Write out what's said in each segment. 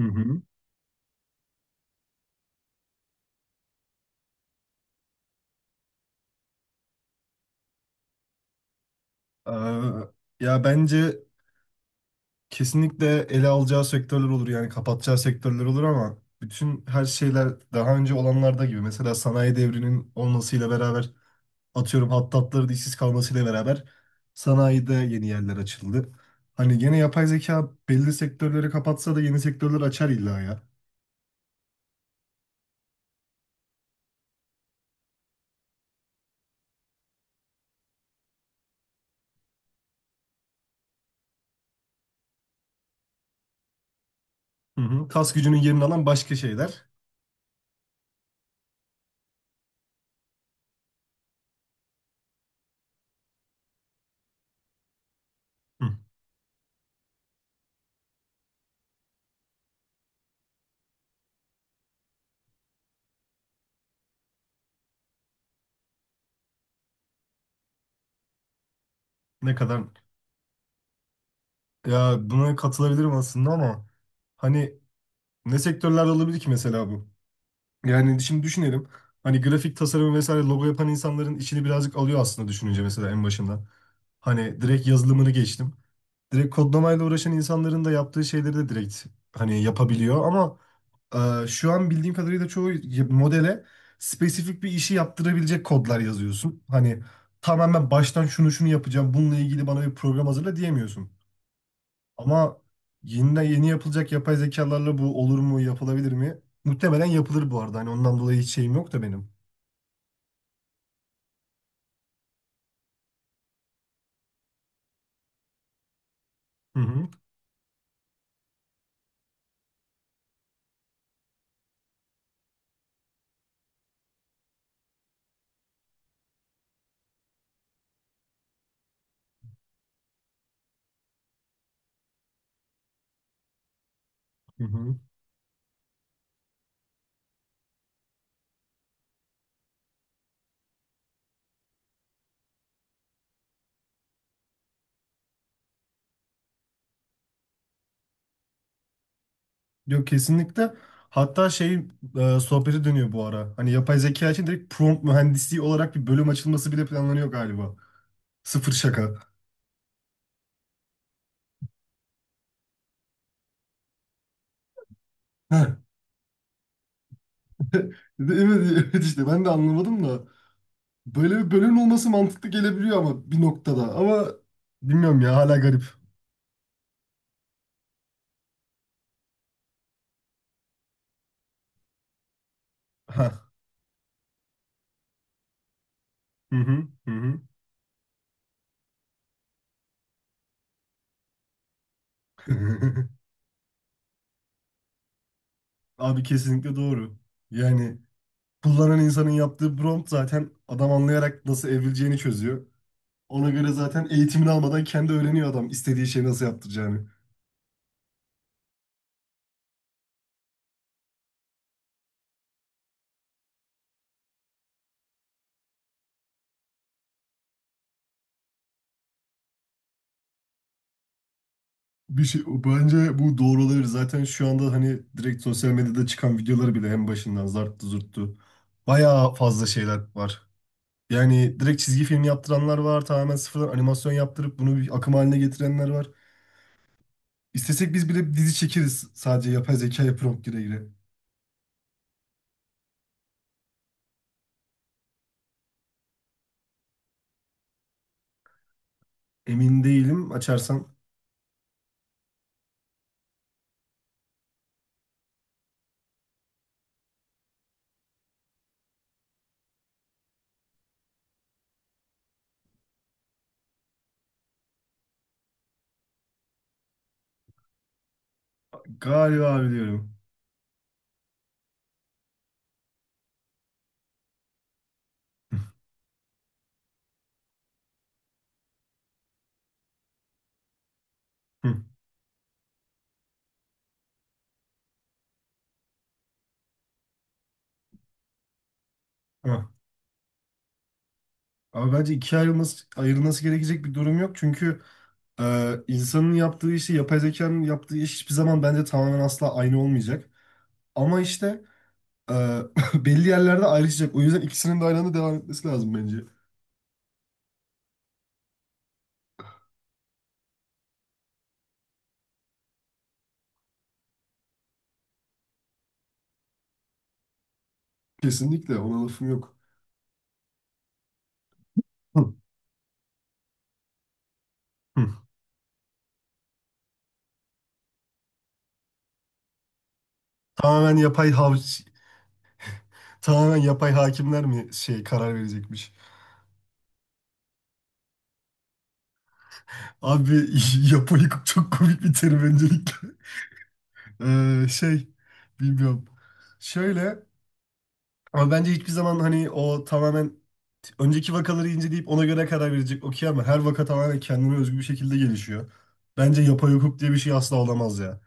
Hı hı. Eee, ya bence kesinlikle ele alacağı sektörler olur yani kapatacağı sektörler olur ama bütün her şeyler daha önce olanlarda gibi mesela sanayi devrinin olmasıyla beraber atıyorum hattatların işsiz kalmasıyla beraber sanayide yeni yerler açıldı. Hani gene yapay zeka belli sektörleri kapatsa da yeni sektörler açar illa ya. Hı hı. Kas gücünün yerini alan başka şeyler. Hı. Ne kadar ya buna katılabilirim aslında ama hani ne sektörlerde olabilir ki mesela bu? Yani şimdi düşünelim. Hani grafik tasarım vesaire logo yapan insanların işini birazcık alıyor aslında düşününce mesela en başından. Hani direkt yazılımını geçtim. Direkt kodlamayla uğraşan insanların da yaptığı şeyleri de direkt hani yapabiliyor ama şu an bildiğim kadarıyla çoğu modele spesifik bir işi yaptırabilecek kodlar yazıyorsun. Hani tamamen baştan şunu şunu yapacağım, bununla ilgili bana bir program hazırla diyemiyorsun. Ama yeni yeni yapılacak yapay zekalarla bu olur mu, yapılabilir mi? Muhtemelen yapılır bu arada. Hani ondan dolayı hiç şeyim yok da benim. Hı hı. Hı hı. Yok kesinlikle. Hatta şey sohbeti dönüyor bu ara. Hani yapay zeka için direkt prompt mühendisliği olarak bir bölüm açılması bile planlanıyor galiba. Sıfır şaka. Heh. Evet, evet, işte ben de anlamadım da. Böyle bir bölüm olması mantıklı gelebiliyor ama bir noktada. Ama bilmiyorum ya hala garip. Ha. Hı hı. Hı hı. Abi kesinlikle doğru. Yani kullanan insanın yaptığı prompt zaten adam anlayarak nasıl evrileceğini çözüyor. Ona göre zaten eğitimini almadan kendi öğreniyor adam istediği şeyi nasıl yaptıracağını. Bir şey bence bu doğru olabilir. Zaten şu anda hani direkt sosyal medyada çıkan videoları bile en başından zarttı zurttu. Bayağı fazla şeyler var. Yani direkt çizgi film yaptıranlar var. Tamamen sıfırdan animasyon yaptırıp bunu bir akım haline getirenler var. İstesek biz bile dizi çekeriz sadece yapay zekaya prompt gire gire. Emin değilim. Açarsan galiba biliyorum. Ah. Ama bence ikiye ayrılması gerekecek bir durum yok. Çünkü insanın yaptığı işi, yapay zekanın yaptığı iş hiçbir zaman bence tamamen asla aynı olmayacak. Ama işte e, belli yerlerde ayrışacak. O yüzden ikisinin de aynı anda devam etmesi lazım bence. Kesinlikle ona lafım yok. Hı, hı. Tamamen yapay hav tamamen yapay hakimler mi şey karar verecekmiş? Abi yapayı çok komik bir terim öncelikle. Şey bilmiyorum. Şöyle ama bence hiçbir zaman hani o tamamen önceki vakaları inceleyip ona göre karar verecek okey ama her vaka tamamen kendine özgü bir şekilde gelişiyor. Bence yapay hukuk diye bir şey asla olamaz ya.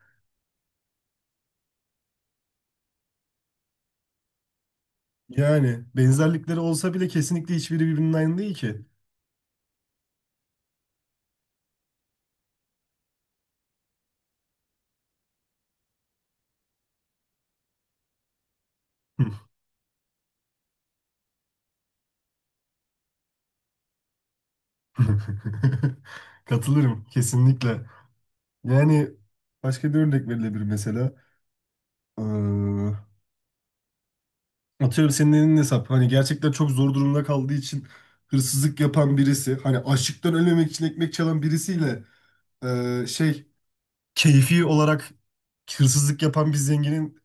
Yani benzerlikleri olsa bile kesinlikle hiçbiri birbirinden aynı değil ki. Katılırım kesinlikle. Yani başka bir örnek verilebilir mesela. Ee, Atıyorum senin elinin hesap. Hani gerçekten çok zor durumda kaldığı için hırsızlık yapan birisi, hani açlıktan ölmemek için ekmek çalan birisiyle şey keyfi olarak hırsızlık yapan bir zenginin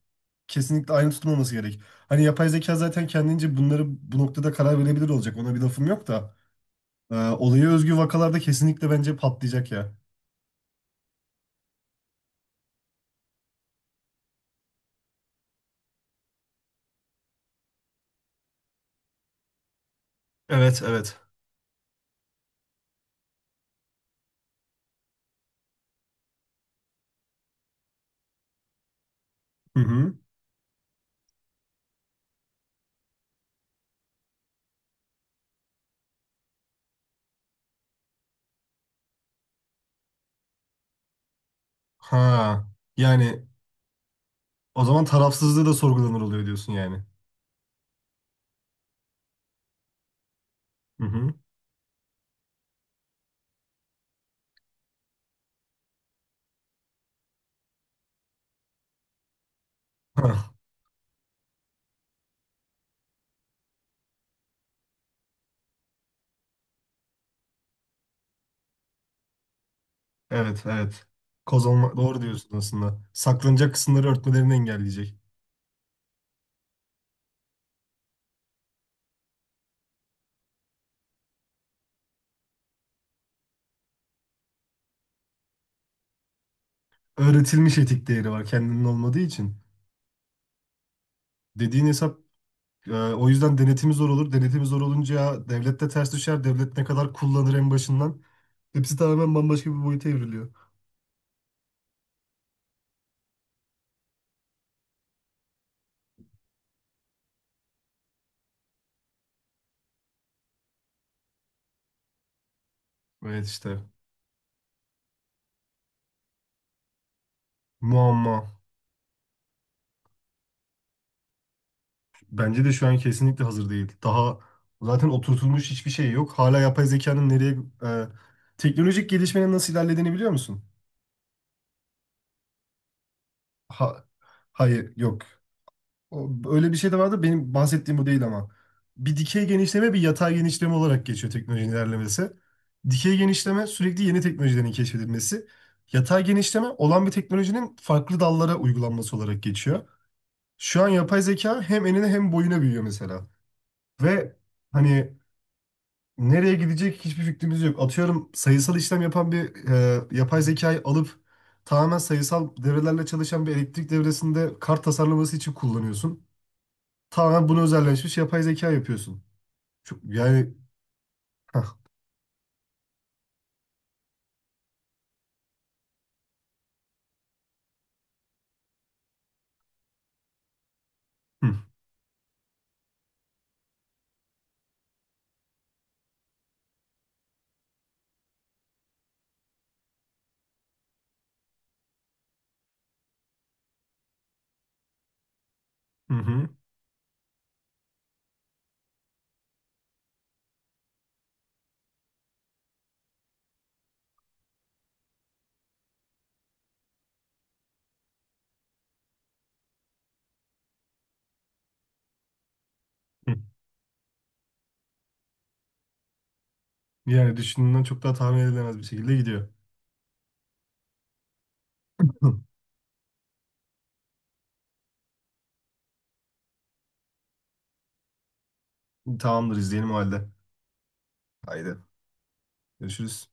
kesinlikle aynı tutulmaması gerek. Hani yapay zeka zaten kendince bunları bu noktada karar verebilir olacak. Ona bir lafım yok da olaya özgü vakalarda kesinlikle bence patlayacak ya. Evet, evet. Hı hı. Ha, yani o zaman tarafsızlığı da sorgulanır oluyor diyorsun yani. Hı hı. Evet, evet. Kozalama doğru diyorsun aslında. Saklanacak kısımları örtmelerini engelleyecek. Öğretilmiş etik değeri var kendinin olmadığı için. Dediğin hesap, o yüzden denetimi zor olur. Denetimi zor olunca ya devlet de ters düşer. Devlet ne kadar kullanır en başından. Hepsi tamamen bambaşka bir boyuta evriliyor. Evet işte. Muamma. Bence de şu an kesinlikle hazır değil. Daha zaten oturtulmuş hiçbir şey yok. Hala yapay zekanın nereye e, teknolojik gelişmenin nasıl ilerlediğini biliyor musun? Ha, hayır yok. Öyle bir şey de vardı. Benim bahsettiğim bu değil ama. Bir dikey genişleme bir yatay genişleme olarak geçiyor teknolojinin ilerlemesi. Dikey genişleme sürekli yeni teknolojilerin keşfedilmesi. Yatay genişleme olan bir teknolojinin farklı dallara uygulanması olarak geçiyor. Şu an yapay zeka hem enine hem boyuna büyüyor mesela. Ve hani nereye gidecek hiçbir fikrimiz yok. Atıyorum sayısal işlem yapan bir yapay zekayı alıp tamamen sayısal devrelerle çalışan bir elektrik devresinde kart tasarlaması için kullanıyorsun tamamen buna özelleşmiş yapay zeka yapıyorsun. Çok, yani hah, hı, hı, hı, hı. Yani düşündüğünden çok daha tahmin edilemez bir şekilde gidiyor. Hı. Tamamdır, izleyelim o halde. Haydi görüşürüz.